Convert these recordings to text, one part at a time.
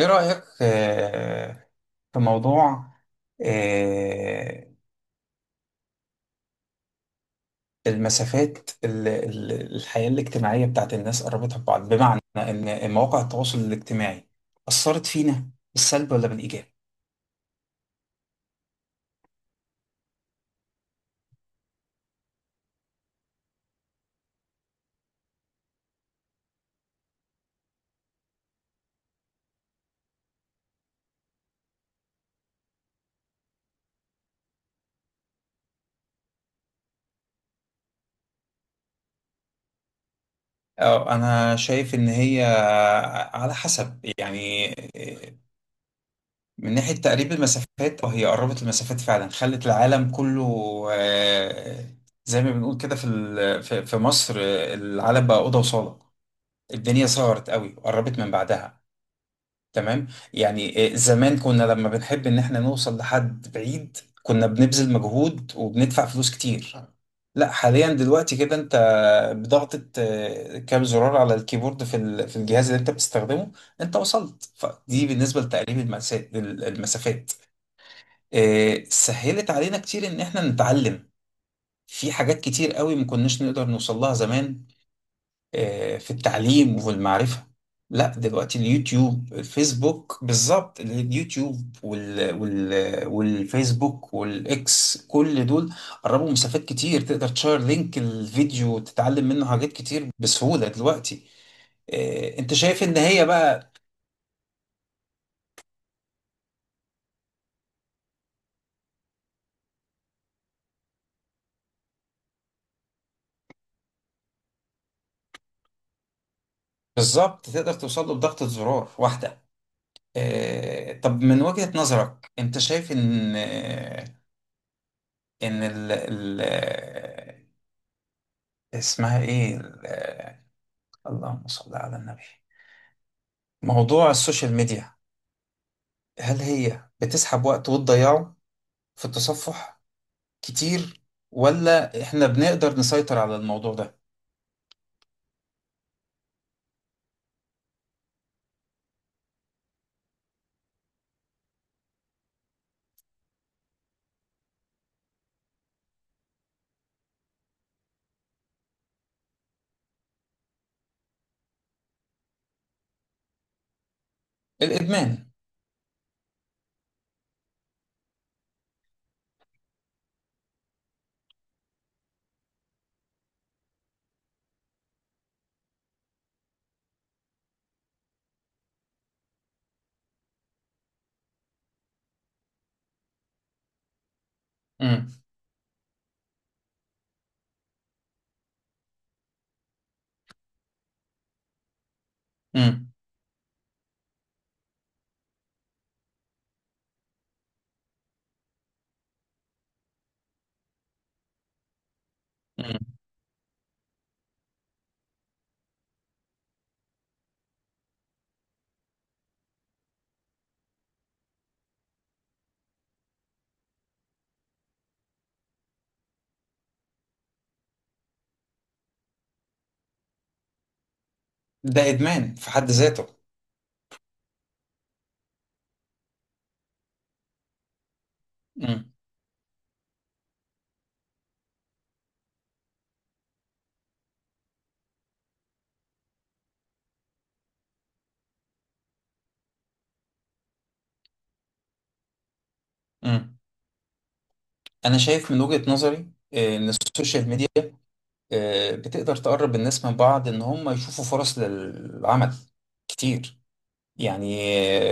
إيه رأيك في موضوع آه، المسافات الحياة الاجتماعية بتاعت الناس قربتها ببعض، بمعنى إن مواقع التواصل الاجتماعي أثرت فينا بالسلب ولا بالإيجاب؟ أه، أنا شايف إن هي على حسب، يعني آه، من ناحية تقريب المسافات، وهي قربت المسافات فعلا، خلت العالم كله آه، زي ما بنقول كده في مصر. العالم بقى أوضة وصالة، الدنيا صغرت قوي وقربت من بعدها. تمام. يعني زمان كنا لما بنحب ان احنا نوصل لحد بعيد، كنا بنبذل مجهود وبندفع فلوس كتير. لا حاليا، دلوقتي كده انت بضغطة كام زرار على الكيبورد، في في الجهاز اللي انت بتستخدمه انت وصلت. فدي بالنسبة لتقريب المسافات. سهلت علينا كتير ان احنا نتعلم في حاجات كتير قوي ما كناش نقدر نوصل لها زمان، في التعليم وفي المعرفة. لا دلوقتي اليوتيوب الفيسبوك، بالظبط اليوتيوب والفيسبوك والإكس، كل دول قربوا مسافات كتير. تقدر تشير لينك الفيديو وتتعلم منه حاجات كتير بسهولة دلوقتي. انت شايف ان هي بقى بالظبط تقدر توصل له بضغطة زرار واحدة. طب من وجهة نظرك انت شايف ان آه، ان ال... ال... آه، اسمها ايه ال- اللهم صل على النبي، موضوع السوشيال ميديا، هل هي بتسحب وقت وتضيعه في التصفح كتير، ولا احنا بنقدر نسيطر على الموضوع ده؟ الإدمان. امم. امم. امم. ده إدمان في حد ذاته. امم. امم. انا شايف من وجهة نظري ان السوشيال ميديا بتقدر تقرب الناس من بعض، ان هم يشوفوا فرص للعمل كتير. يعني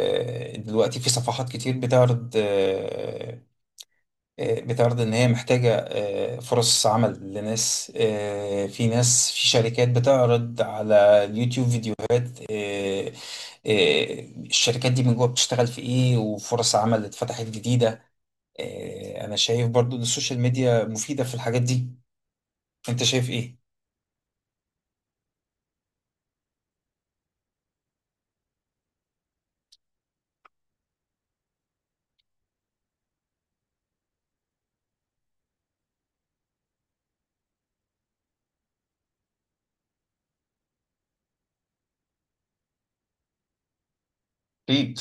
دلوقتي في صفحات كتير بتعرض، بتعرض ان هي محتاجة فرص عمل لناس. في ناس في شركات بتعرض على اليوتيوب فيديوهات، الشركات دي من جوه بتشتغل في ايه، وفرص عمل اللي اتفتحت جديدة. انا شايف برضو ان السوشيال ميديا مفيدة في الحاجات دي. انت شايف ايه؟ أكيد.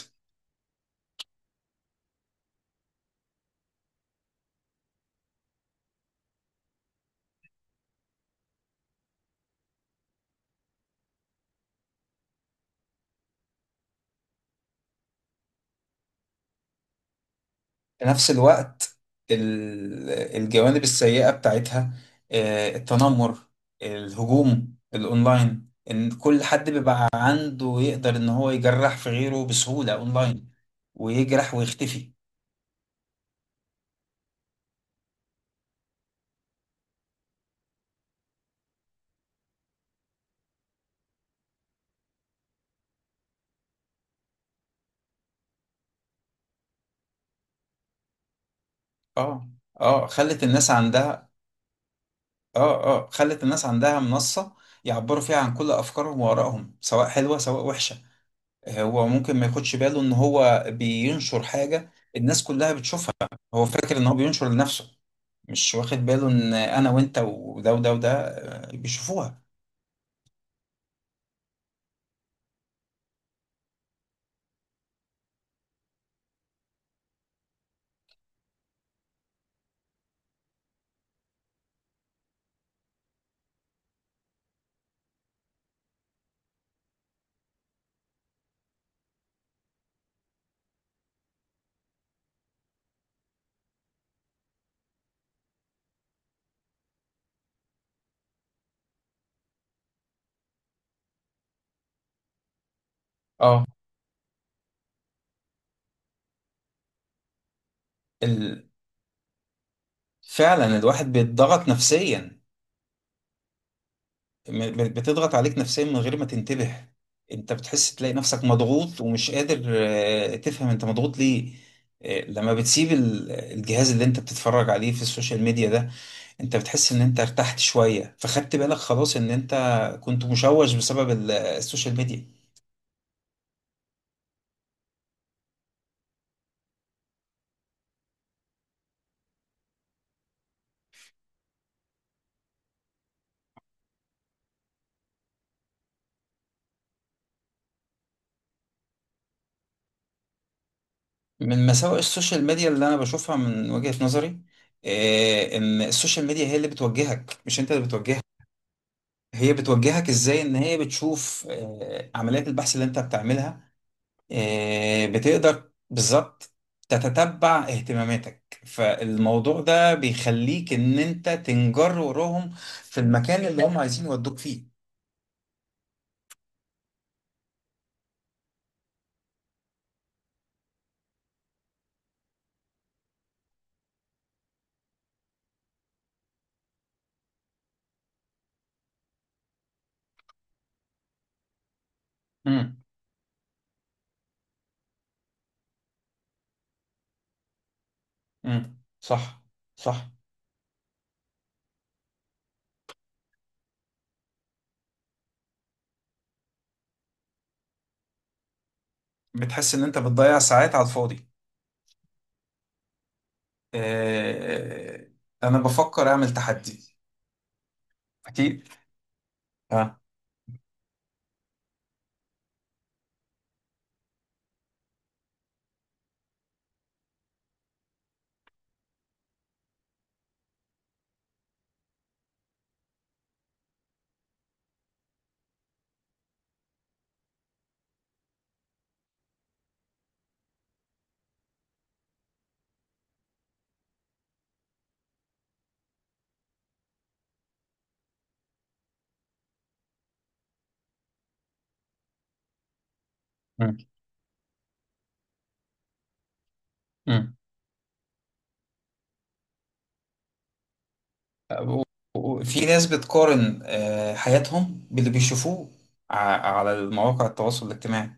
في نفس الوقت ال- الجوانب السيئة بتاعتها، التنمر، الهجوم الأونلاين، إن كل حد بيبقى عنده يقدر إن هو يجرح في غيره بسهولة أونلاين، ويجرح ويختفي. آه، آه، خلت الناس عندها، خلت الناس عندها منصة يعبروا فيها عن كل أفكارهم وآرائهم، سواء حلوة سواء وحشة. هو ممكن ما ياخدش باله إن هو بينشر حاجة الناس كلها بتشوفها. هو فاكر إن هو بينشر لنفسه، مش واخد باله ان انا وانت وده وده وده بيشوفوها. اه. ال... فعلا الواحد بيتضغط نفسيا. بتضغط عليك نفسيا من غير ما تنتبه. انت بتحس تلاقي نفسك مضغوط ومش قادر تفهم انت مضغوط ليه. لما بتسيب الجهاز اللي انت بتتفرج عليه في السوشيال ميديا ده، انت بتحس ان انت ارتحت شوية، فخدت بالك خلاص ان انت كنت مشوش بسبب السوشيال ميديا. من مساوئ السوشيال ميديا اللي انا بشوفها من وجهة نظري ان السوشيال ميديا هي اللي بتوجهك، مش انت اللي بتوجهها. هي بتوجهك ازاي؟ ان هي بتشوف عمليات البحث اللي انت بتعملها. بتقدر بالظبط تتتبع اهتماماتك، فالموضوع ده بيخليك ان انت تنجر وراهم في المكان اللي هم عايزين يودوك فيه. امم. امم. صح. صح. بتحس ان انت بتضيع ساعات على الفاضي. آه، انا بفكر اعمل تحدي. اكيد. اه. مم. مم. و- في ناس بتقارن حياتهم باللي بيشوفوه ع- على المواقع التواصل الاجتماعي.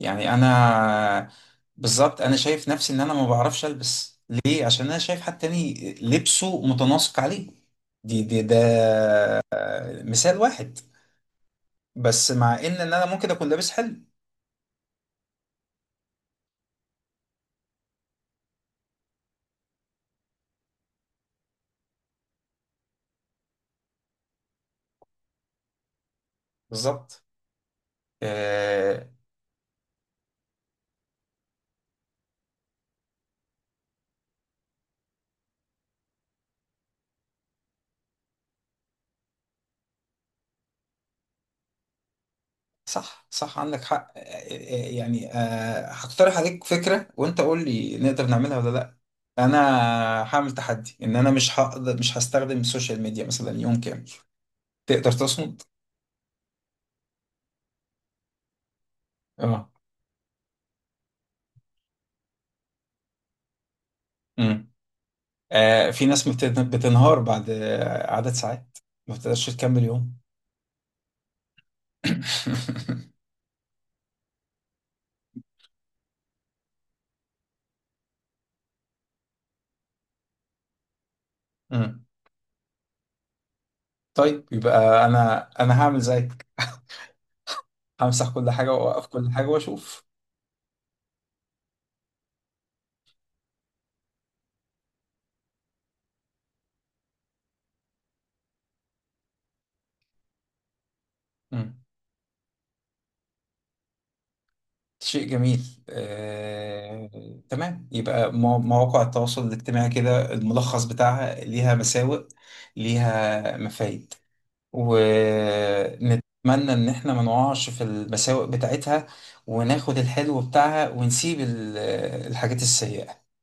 يعني انا، بالظبط انا شايف نفسي ان انا ما بعرفش البس، ليه؟ عشان انا شايف حد تاني لبسه متناسق عليه. دي دي ده مثال واحد، بس مع ان إن انا ممكن اكون لابس حلو. بالظبط. آه، صح صح عندك حق. هقترح عليك فكرة وانت قول لي نقدر نعملها ولا لا. انا هعمل تحدي ان انا مش هقدر، مش هستخدم السوشيال ميديا مثلا يوم كامل. تقدر تصمد؟ اه. امم. في ناس بتنهار بعد عدد ساعات، ما بتقدرش تكمل يوم. مم. طيب يبقى انا هعمل زيك. همسح كل حاجة واوقف كل حاجة واشوف. مم. شيء جميل. آه، تمام. يبقى مواقع التواصل الاجتماعي كده الملخص بتاعها، ليها مساوئ، ليها مفايد، ونتمنى ان احنا ما نقعش في المساوئ بتاعتها، وناخد الحلو بتاعها ونسيب الحاجات السيئة.